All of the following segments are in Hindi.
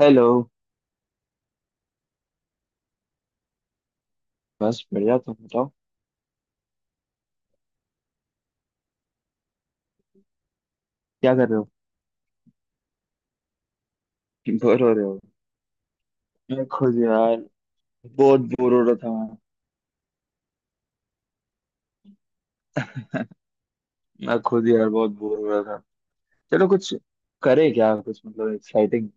हेलो। बस बढ़िया, तुम बताओ। क्या कर रहे हो? बोर हो रहे हो? मैं खुद यार बहुत बोर हो रहा था। मैं खुद यार बहुत बोर हो रहा था। चलो कुछ करे क्या, कुछ मतलब एक्साइटिंग,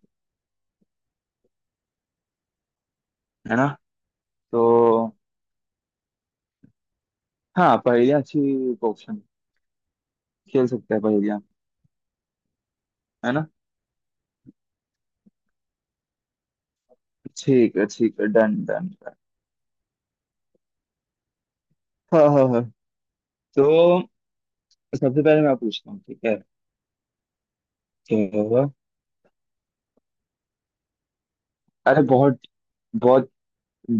है ना? तो हाँ, पहेलियाँ अच्छी ऑप्शन, खेल सकते हैं पहेलियाँ, है ना। ठीक है ठीक है, डन डन। हाँ हाँ हाँ। तो सबसे पहले मैं पूछता हूँ, ठीक है? तो अरे बहुत बहुत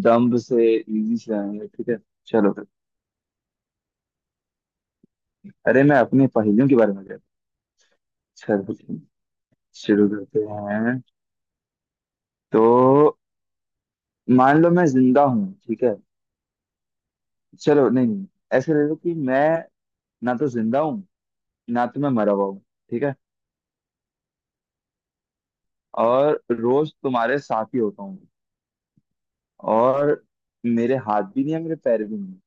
दम्ब से इजी से आएंगे, ठीक है। चलो फिर। अरे मैं अपनी पहेलियों के बारे में कहता हूँ। चलो शुरू करते हैं। तो मान लो मैं जिंदा हूँ, ठीक है। चलो नहीं नहीं, ऐसे ले लो कि मैं ना तो जिंदा हूँ ना तो मैं मरा हुआ हूँ, ठीक है। और रोज तुम्हारे साथ ही होता हूँ। और मेरे हाथ भी नहीं है, मेरे पैर भी नहीं है।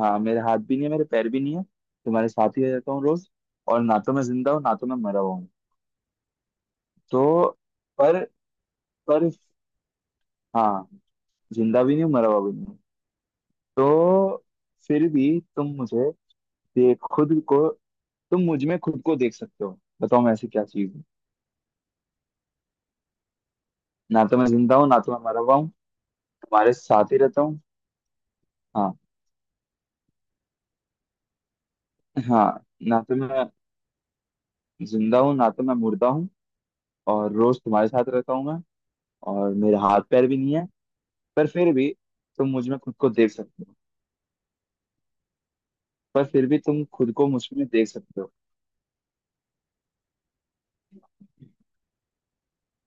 हाँ मेरे हाथ भी नहीं है, मेरे पैर भी नहीं है। तुम्हारे साथ ही रहता हूँ रोज। और ना तो मैं जिंदा हूँ ना तो मैं मरा हुआ हूँ। तो पर पर हाँ, जिंदा भी नहीं हूँ मरा हुआ भी नहीं हूँ। तो फिर भी तुम मुझे, ये खुद को, तुम मुझ में खुद को देख सकते हो। बताओ मैं ऐसी क्या चीज हूँ। ना तो मैं जिंदा हूँ ना तो मैं मरा हुआ हूँ। तुम्हारे साथ ही रहता हूँ। हाँ। हाँ ना तो मैं जिंदा हूँ ना तो मैं मुर्दा हूँ। और रोज तुम्हारे साथ रहता हूँ मैं। और मेरे हाथ पैर भी नहीं है। पर फिर भी तुम मुझ में खुद को देख सकते हो। पर फिर भी तुम खुद को मुझ में देख सकते हो।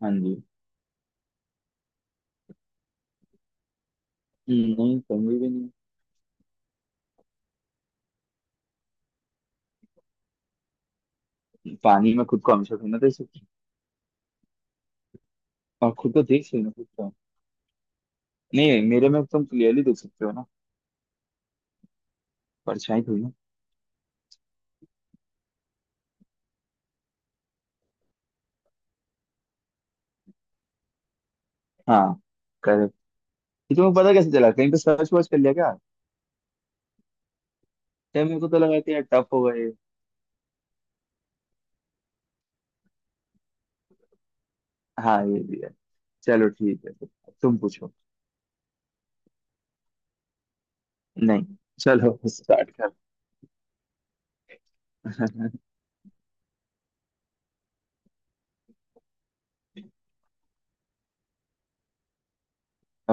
हाँ जी। नहीं, कमी भी नहीं। पानी में खुद को हमेशा थोड़ी ना देख सकते हो। और खुद को देख सकते हो ना, खुद को। नहीं, मेरे में तुम क्लियरली देख सकते हो ना। परछाई थोड़ी ना। हाँ। ये तुम्हें पता कैसे चला, कहीं पे सर्च वर्च कर लिया क्या? क्या, मेरे को तो लगा कि यार टफ होगा ये। हाँ ये भी है। चलो ठीक है, तुम पूछो। नहीं, चलो स्टार्ट कर।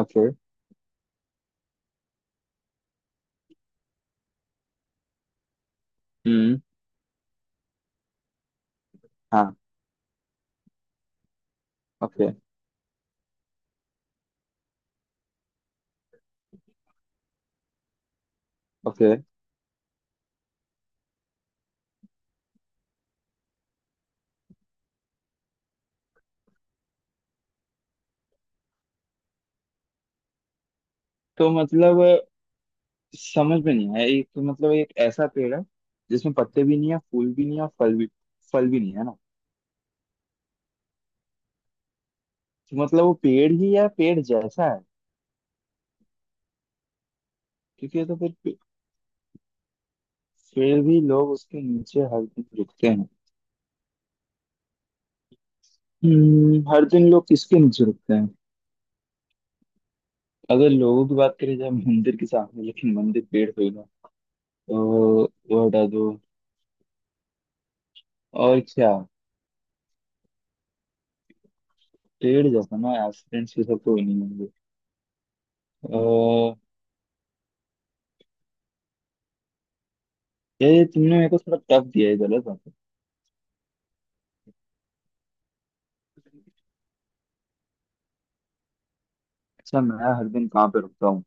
ओके। हम्म। हाँ। ओके। ओके तो मतलब समझ में नहीं आया। एक तो मतलब एक ऐसा पेड़ है जिसमें पत्ते भी नहीं है, फूल भी नहीं है और फल भी नहीं है ना। तो मतलब वो पेड़ ही या पेड़ जैसा है? क्योंकि ये तो फिर फिर भी लोग उसके नीचे हर दिन रुकते हैं। हर दिन लोग किसके नीचे रुकते हैं? अगर लोगों की बात करें जाए मंदिर के सामने, लेकिन मंदिर पेड़ कोई ना। तो वो हटा दो। और क्या, पेड़ जैसा ना, एक्सीडेंट्स ये सब कोई नहीं होंगे। अह, ये तुमने मेरे को थोड़ा टफ दिया है, गलत बात है। अच्छा, मैं हर दिन कहाँ पे रुकता हूँ?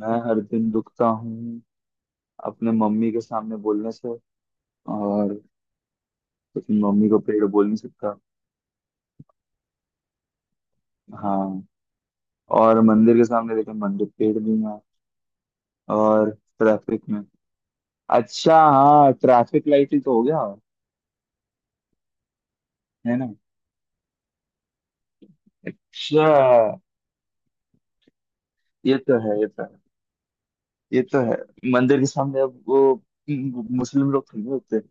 मैं हर दिन रुकता हूँ अपने मम्मी के सामने बोलने से। और अपनी मम्मी को पेड़ बोल नहीं सकता। हाँ। और मंदिर के सामने, लेकिन मंदिर पेड़ भी ना। और ट्रैफिक में, अच्छा हाँ ट्रैफिक लाइट ही तो हो गया, है ना। अच्छा ये तो है, ये तो है, ये तो है। मंदिर के सामने अब वो मुस्लिम लोग खड़े होते हैं।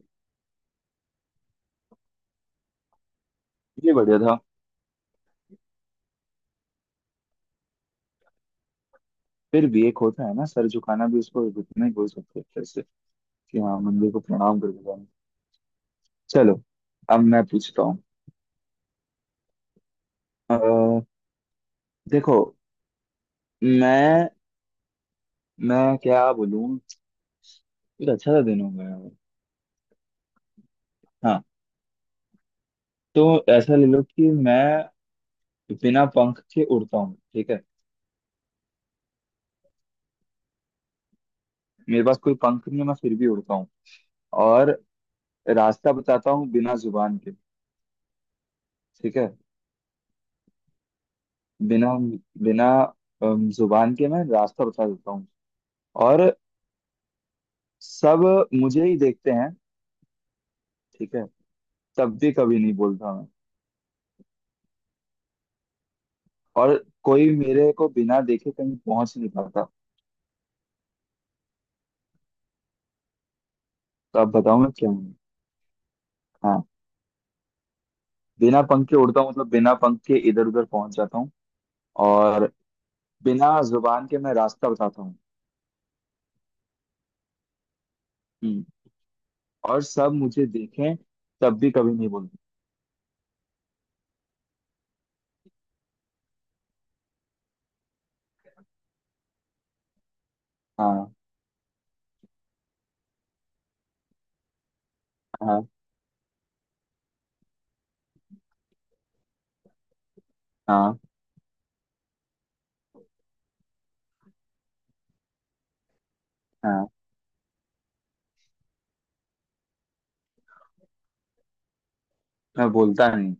ये बढ़िया था। फिर भी एक होता है ना, सर झुकाना भी उसको उतना ही बोल सकते हैं फिर से, कि हाँ मंदिर को प्रणाम करके जाना। चलो अब मैं पूछता हूँ। अ, देखो, मैं मैं क्या बोलूँ। एक अच्छा सा दिन हो गया है। हाँ तो ऐसा ले लो कि मैं बिना पंख के उड़ता हूँ, ठीक है। मेरे पास कोई पंख नहीं है, मैं फिर भी उड़ता हूँ। और रास्ता बताता हूँ बिना जुबान के, ठीक है। बिना बिना अम, जुबान के मैं रास्ता बता देता हूँ। और सब मुझे ही देखते हैं, ठीक है। तब भी कभी नहीं बोलता मैं। और कोई मेरे को बिना देखे कहीं पहुंच नहीं पाता। तो अब बताओ मैं क्या हूँ। हाँ, बिना पंख के उड़ता हूँ मतलब बिना पंख के इधर उधर पहुंच जाता हूँ। और बिना जुबान के मैं रास्ता बताता हूँ। हम्म, और सब मुझे देखें, तब भी कभी नहीं बोलता। हाँ। हाँ। हाँ। हाँ। मैं बोलता नहीं।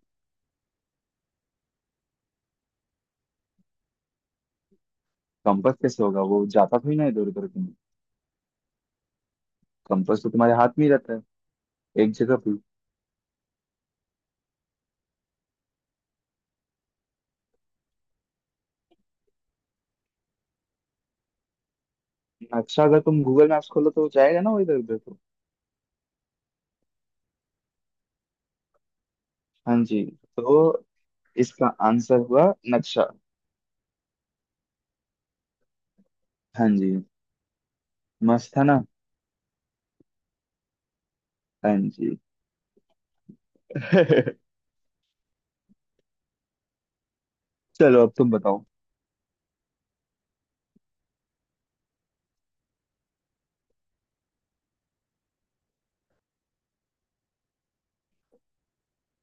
कंपास कैसे होगा, वो जाता थोड़ी ना इधर उधर कहीं। कंपास तो तुम्हारे हाथ में ही रहता है, एक जगह पे। अच्छा, अगर तुम गूगल मैप्स खोलो तो जाएगा ना वो इधर उधर, तो। हाँ जी। तो इसका आंसर हुआ नक्शा। हाँ जी। मस्त था ना। हाँ जी। चलो अब तुम बताओ।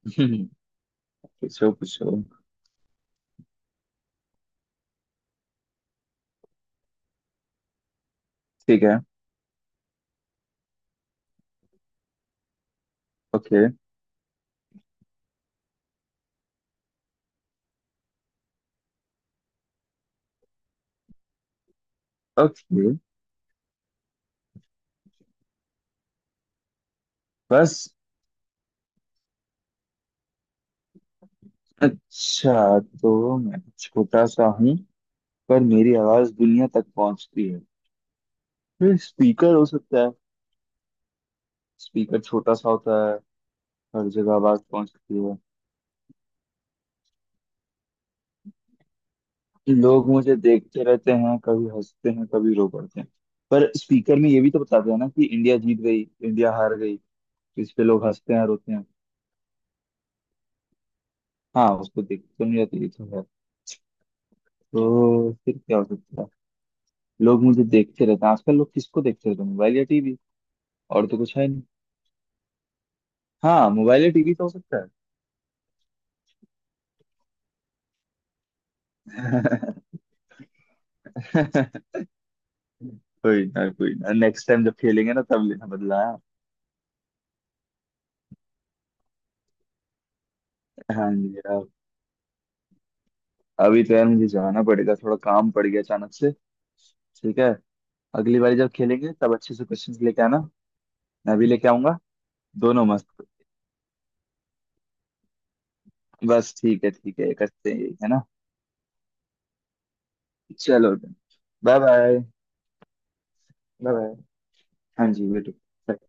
पूछो पूछो। ठीक है। ओके। ओके। बस। अच्छा तो मैं छोटा सा हूँ पर मेरी आवाज दुनिया तक पहुंचती है, फिर स्पीकर हो सकता है। स्पीकर छोटा सा होता है, हर जगह आवाज पहुंचती है। लोग मुझे देखते रहते हैं, कभी हंसते हैं कभी रो पड़ते हैं। पर स्पीकर में ये भी तो बताते हैं ना कि इंडिया जीत गई, इंडिया हार गई। तो इस पे लोग हंसते हैं रोते हैं। हाँ उसको देखते तो नहीं रहते, ये तो है। तो फिर क्या हो सकता है? लोग मुझे देखते रहते हैं, आजकल लोग किसको देखते रहते हैं, मोबाइल या टीवी। और तो कुछ है नहीं। हाँ मोबाइल या टीवी तो हो सकता है। कोई ना, कोई ना, नेक्स्ट टाइम जब खेलेंगे ना, तब लेना बदला। हाँ जी हाँ। अभी तो यार मुझे जाना पड़ेगा, थोड़ा काम पड़ गया अचानक से। ठीक है। अगली बारी जब खेलेंगे तब अच्छे से क्वेश्चंस लेके आना, मैं भी लेके आऊंगा। दोनों मस्त। बस ठीक है ठीक है, करते हैं यही, है ना। चलो बाय बाय। Bye bye. हाँ जी बेटू।